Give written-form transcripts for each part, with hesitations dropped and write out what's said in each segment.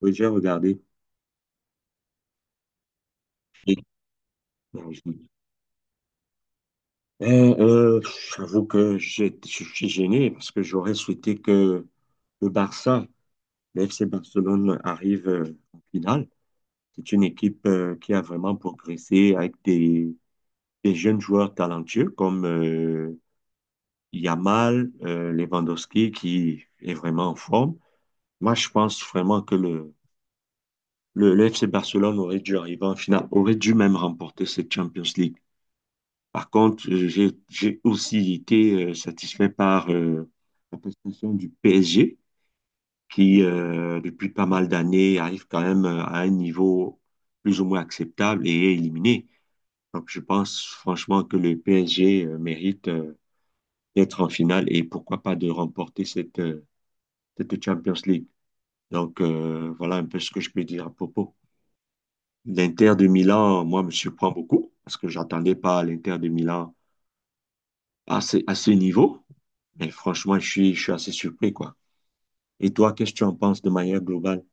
Oui, j'ai regardé. Euh, euh, j'avoue que je suis gêné parce que j'aurais souhaité que le Barça, le FC Barcelone arrive en finale. C'est une équipe qui a vraiment progressé avec des jeunes joueurs talentueux comme Yamal, Lewandowski qui est vraiment en forme. Moi, je pense vraiment que le FC Barcelone aurait dû arriver en finale, aurait dû même remporter cette Champions League. Par contre, j'ai aussi été satisfait par la prestation du PSG, qui, depuis pas mal d'années, arrive quand même à un niveau plus ou moins acceptable et est éliminé. Donc, je pense franchement que le PSG mérite d'être en finale et pourquoi pas de remporter cette Champions League. Donc, voilà un peu ce que je peux dire à propos. L'Inter de Milan, moi, me surprend beaucoup parce que j'attendais pas l'Inter de Milan à ce niveau. Mais franchement, je suis assez surpris, quoi. Et toi, qu'est-ce que tu en penses de manière globale?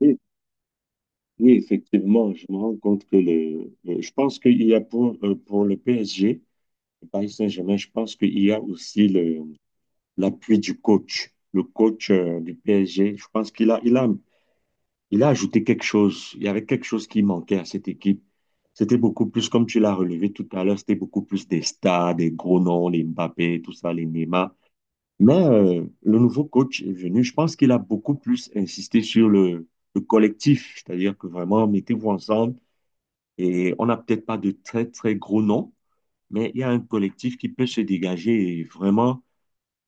Oui, oui, effectivement, je me rends compte que je pense qu'il y a pour le PSG, le Paris Saint-Germain, je pense qu'il y a aussi l'appui du coach, le coach, du PSG. Je pense qu'il a, il a, il a ajouté quelque chose. Il y avait quelque chose qui manquait à cette équipe. C'était beaucoup plus, comme tu l'as relevé tout à l'heure, c'était beaucoup plus des stars, des gros noms, les Mbappé, tout ça, les Neymar. Mais le nouveau coach est venu. Je pense qu'il a beaucoup plus insisté sur le collectif, c'est-à-dire que vraiment, mettez-vous ensemble. Et on n'a peut-être pas de très, très gros noms, mais il y a un collectif qui peut se dégager. Et vraiment,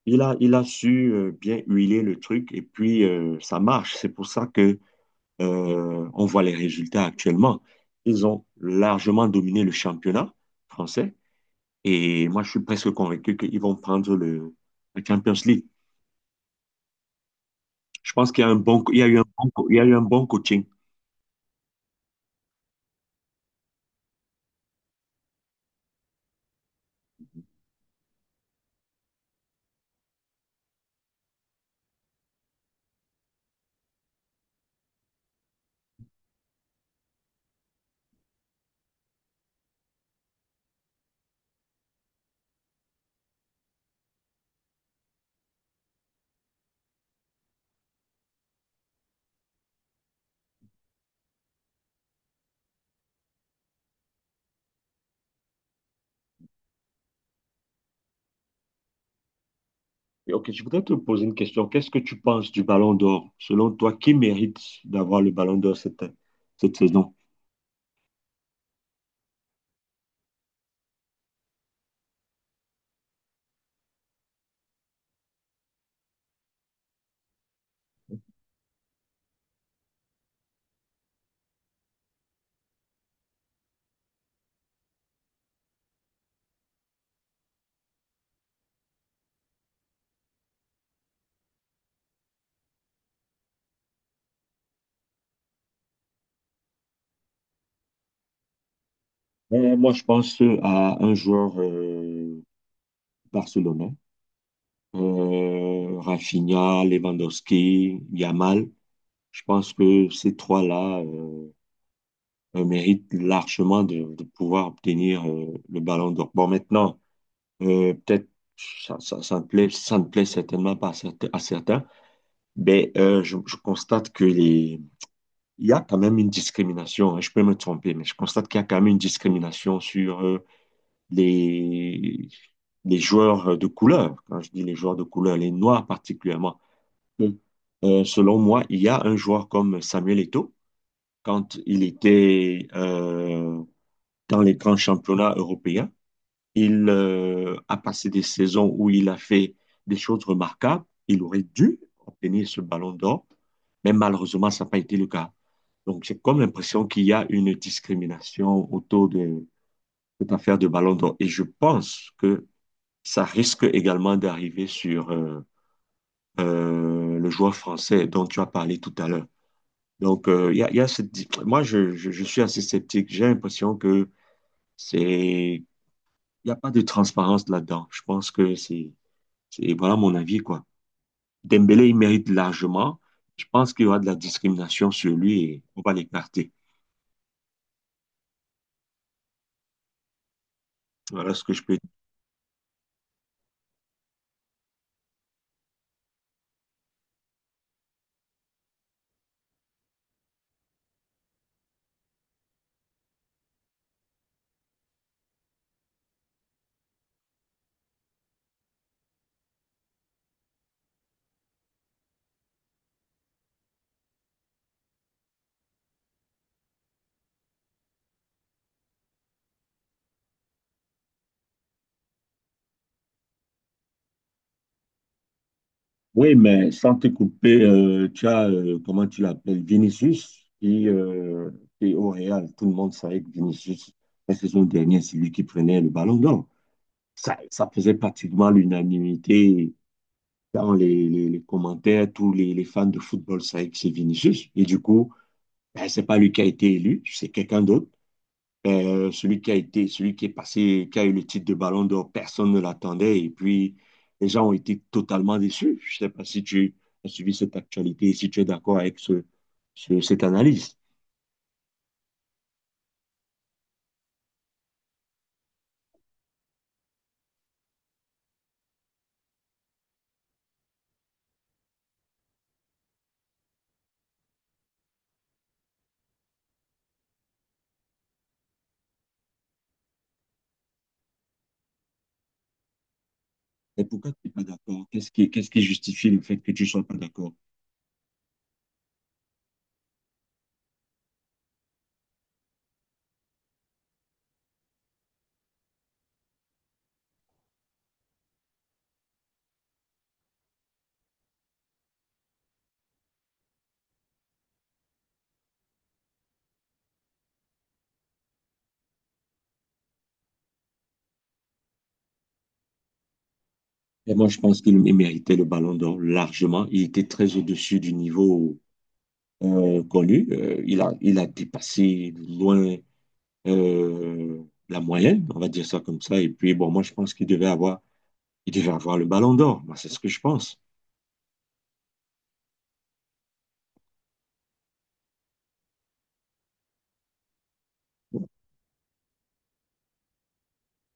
il a su bien huiler le truc et puis ça marche. C'est pour ça que on voit les résultats actuellement. Ils ont largement dominé le championnat français. Et moi, je suis presque convaincu qu'ils vont prendre la Champions League. Je pense qu'il y a un bon, il y a eu un bon, il y a eu un bon coaching. Et ok, je voudrais te poser une question. Qu'est-ce que tu penses du Ballon d'Or? Selon toi, qui mérite d'avoir le Ballon d'Or cette saison? Moi, je pense à un joueur barcelonais, Rafinha, Lewandowski, Yamal. Je pense que ces trois-là méritent largement de pouvoir obtenir le Ballon d'Or. Bon, maintenant, peut-être ça ne plaît certainement pas à à certains, Ben, je constate que les... il y a quand même une discrimination, hein, je peux me tromper, mais je constate qu'il y a quand même une discrimination sur les... les joueurs de couleur. Quand je dis les joueurs de couleur, les noirs particulièrement. Mm. Selon moi, il y a un joueur comme Samuel Eto'o, quand il était dans les grands championnats européens, il a passé des saisons où il a fait des choses remarquables. Il aurait dû obtenir ce ballon d'or, mais malheureusement, ça n'a pas été le cas. Donc, j'ai comme l'impression qu'il y a une discrimination autour de cette affaire de ballon d'or. Et je pense que ça risque également d'arriver sur le joueur français dont tu as parlé tout à l'heure. Donc, il y a cette... je suis assez sceptique. J'ai l'impression que c'est... Il n'y a pas de transparence là-dedans. Je pense que c'est voilà mon avis, quoi. Dembélé, il mérite largement. Je pense qu'il y aura de la discrimination sur lui et on va l'écarter. Voilà ce que je peux dire. Oui, mais sans te couper, tu as, comment tu l'appelles, Vinicius, qui est au Real. Tout le monde savait que Vinicius, la saison dernière, c'est lui qui prenait le ballon d'or. Ça faisait pratiquement l'unanimité dans les commentaires. Les fans de football savaient que c'est Vinicius. Et du coup, ben, c'est pas lui qui a été élu, c'est quelqu'un d'autre. Celui qui est passé, qui a eu le titre de Ballon d'Or, personne ne l'attendait. Et puis, les gens ont été totalement déçus. Je sais pas si tu as suivi cette actualité et si tu es d'accord avec cette analyse. Mais pourquoi tu n'es pas d'accord? Qu'est-ce qui justifie le fait que tu ne sois pas d'accord? Et moi, je pense qu'il méritait le Ballon d'Or largement. Il était très au-dessus du niveau connu. Il a dépassé loin la moyenne, on va dire ça comme ça. Et puis, bon, moi, je pense qu'il devait avoir il devait avoir le ballon d'or, moi, c'est ce que je pense.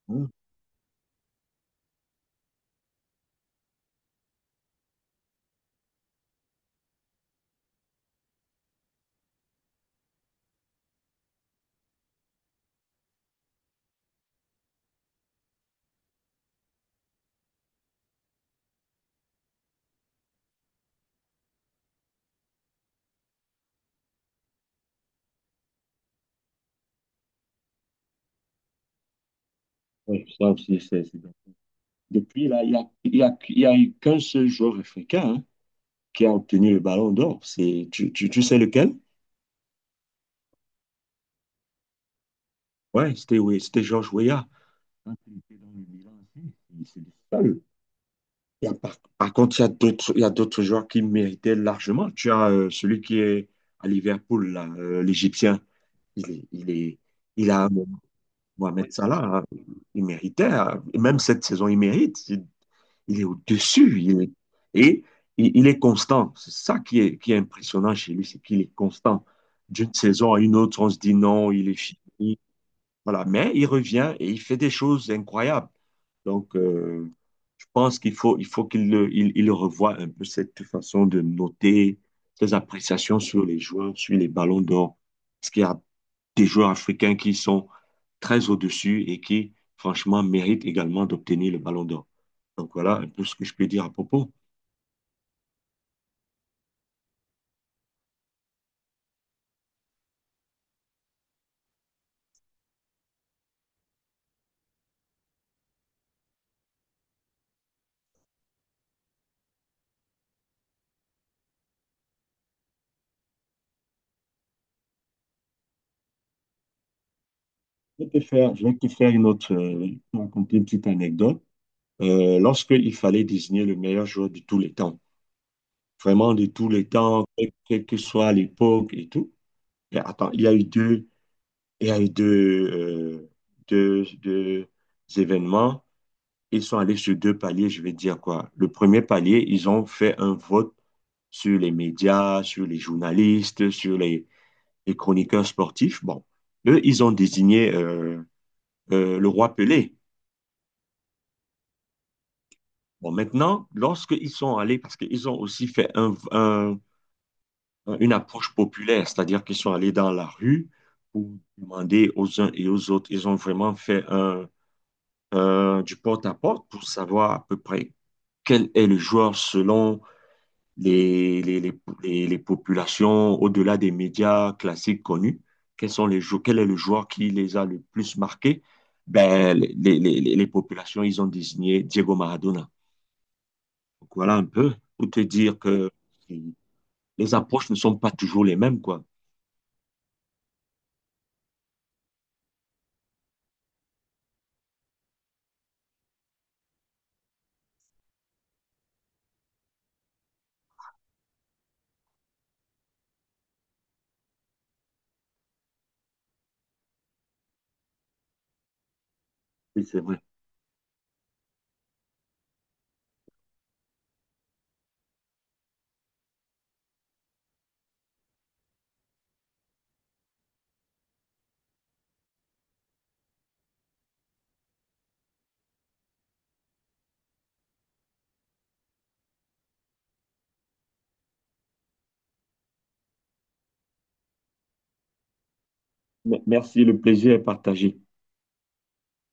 Hein. Ouais, ça aussi, c'est bien. Depuis, là, il n'y a, il y a, il y a eu qu'un seul joueur africain hein, qui a obtenu le ballon d'or. Tu sais lequel? Ouais, c'était oui, c'était Georges Weah. Quand il était dans le Milan aussi, c'est le seul. Il y a par contre, il y a d'autres joueurs qui méritaient largement. Tu as celui qui est à Liverpool, là, l'Égyptien. Il est, il est, il a Mohamed Salah, hein. Il méritait, hein. Et même cette saison, il mérite. Il est au-dessus, il est, et il est constant. C'est ça qui est impressionnant chez lui, c'est qu'il est constant. D'une saison à une autre, on se dit non, il est fini, voilà. Mais il revient et il fait des choses incroyables. Donc, je pense il faut il revoie un peu cette façon de noter ses appréciations sur les joueurs, sur les ballons d'or. Parce qu'il y a des joueurs africains qui sont très au-dessus et qui, franchement, méritent également d'obtenir le ballon d'or. Donc, voilà un peu ce que je peux dire à propos. Je vais te faire une autre, raconter une petite anecdote. Lorsqu'il fallait désigner le meilleur joueur de tous les temps, vraiment de tous les temps, quelle que soit l'époque et tout. Et attends, il y a eu deux événements. Ils sont allés sur deux paliers, je vais te dire quoi. Le premier palier, ils ont fait un vote sur les médias, sur les journalistes, sur les chroniqueurs sportifs. Bon, eux, ils ont désigné le roi Pelé. Bon, maintenant, lorsqu'ils sont allés, parce qu'ils ont aussi fait une approche populaire, c'est-à-dire qu'ils sont allés dans la rue pour demander aux uns et aux autres. Ils ont vraiment fait du porte-à-porte pour savoir à peu près quel est le joueur selon les, les, les, les populations au-delà des médias classiques connus. Quel est le joueur qui les a le plus marqués? Ben, les populations, ils ont désigné Diego Maradona. Donc voilà un peu pour te dire que les approches ne sont pas toujours les mêmes, quoi. Oui, c'est vrai. Merci, le plaisir est partagé.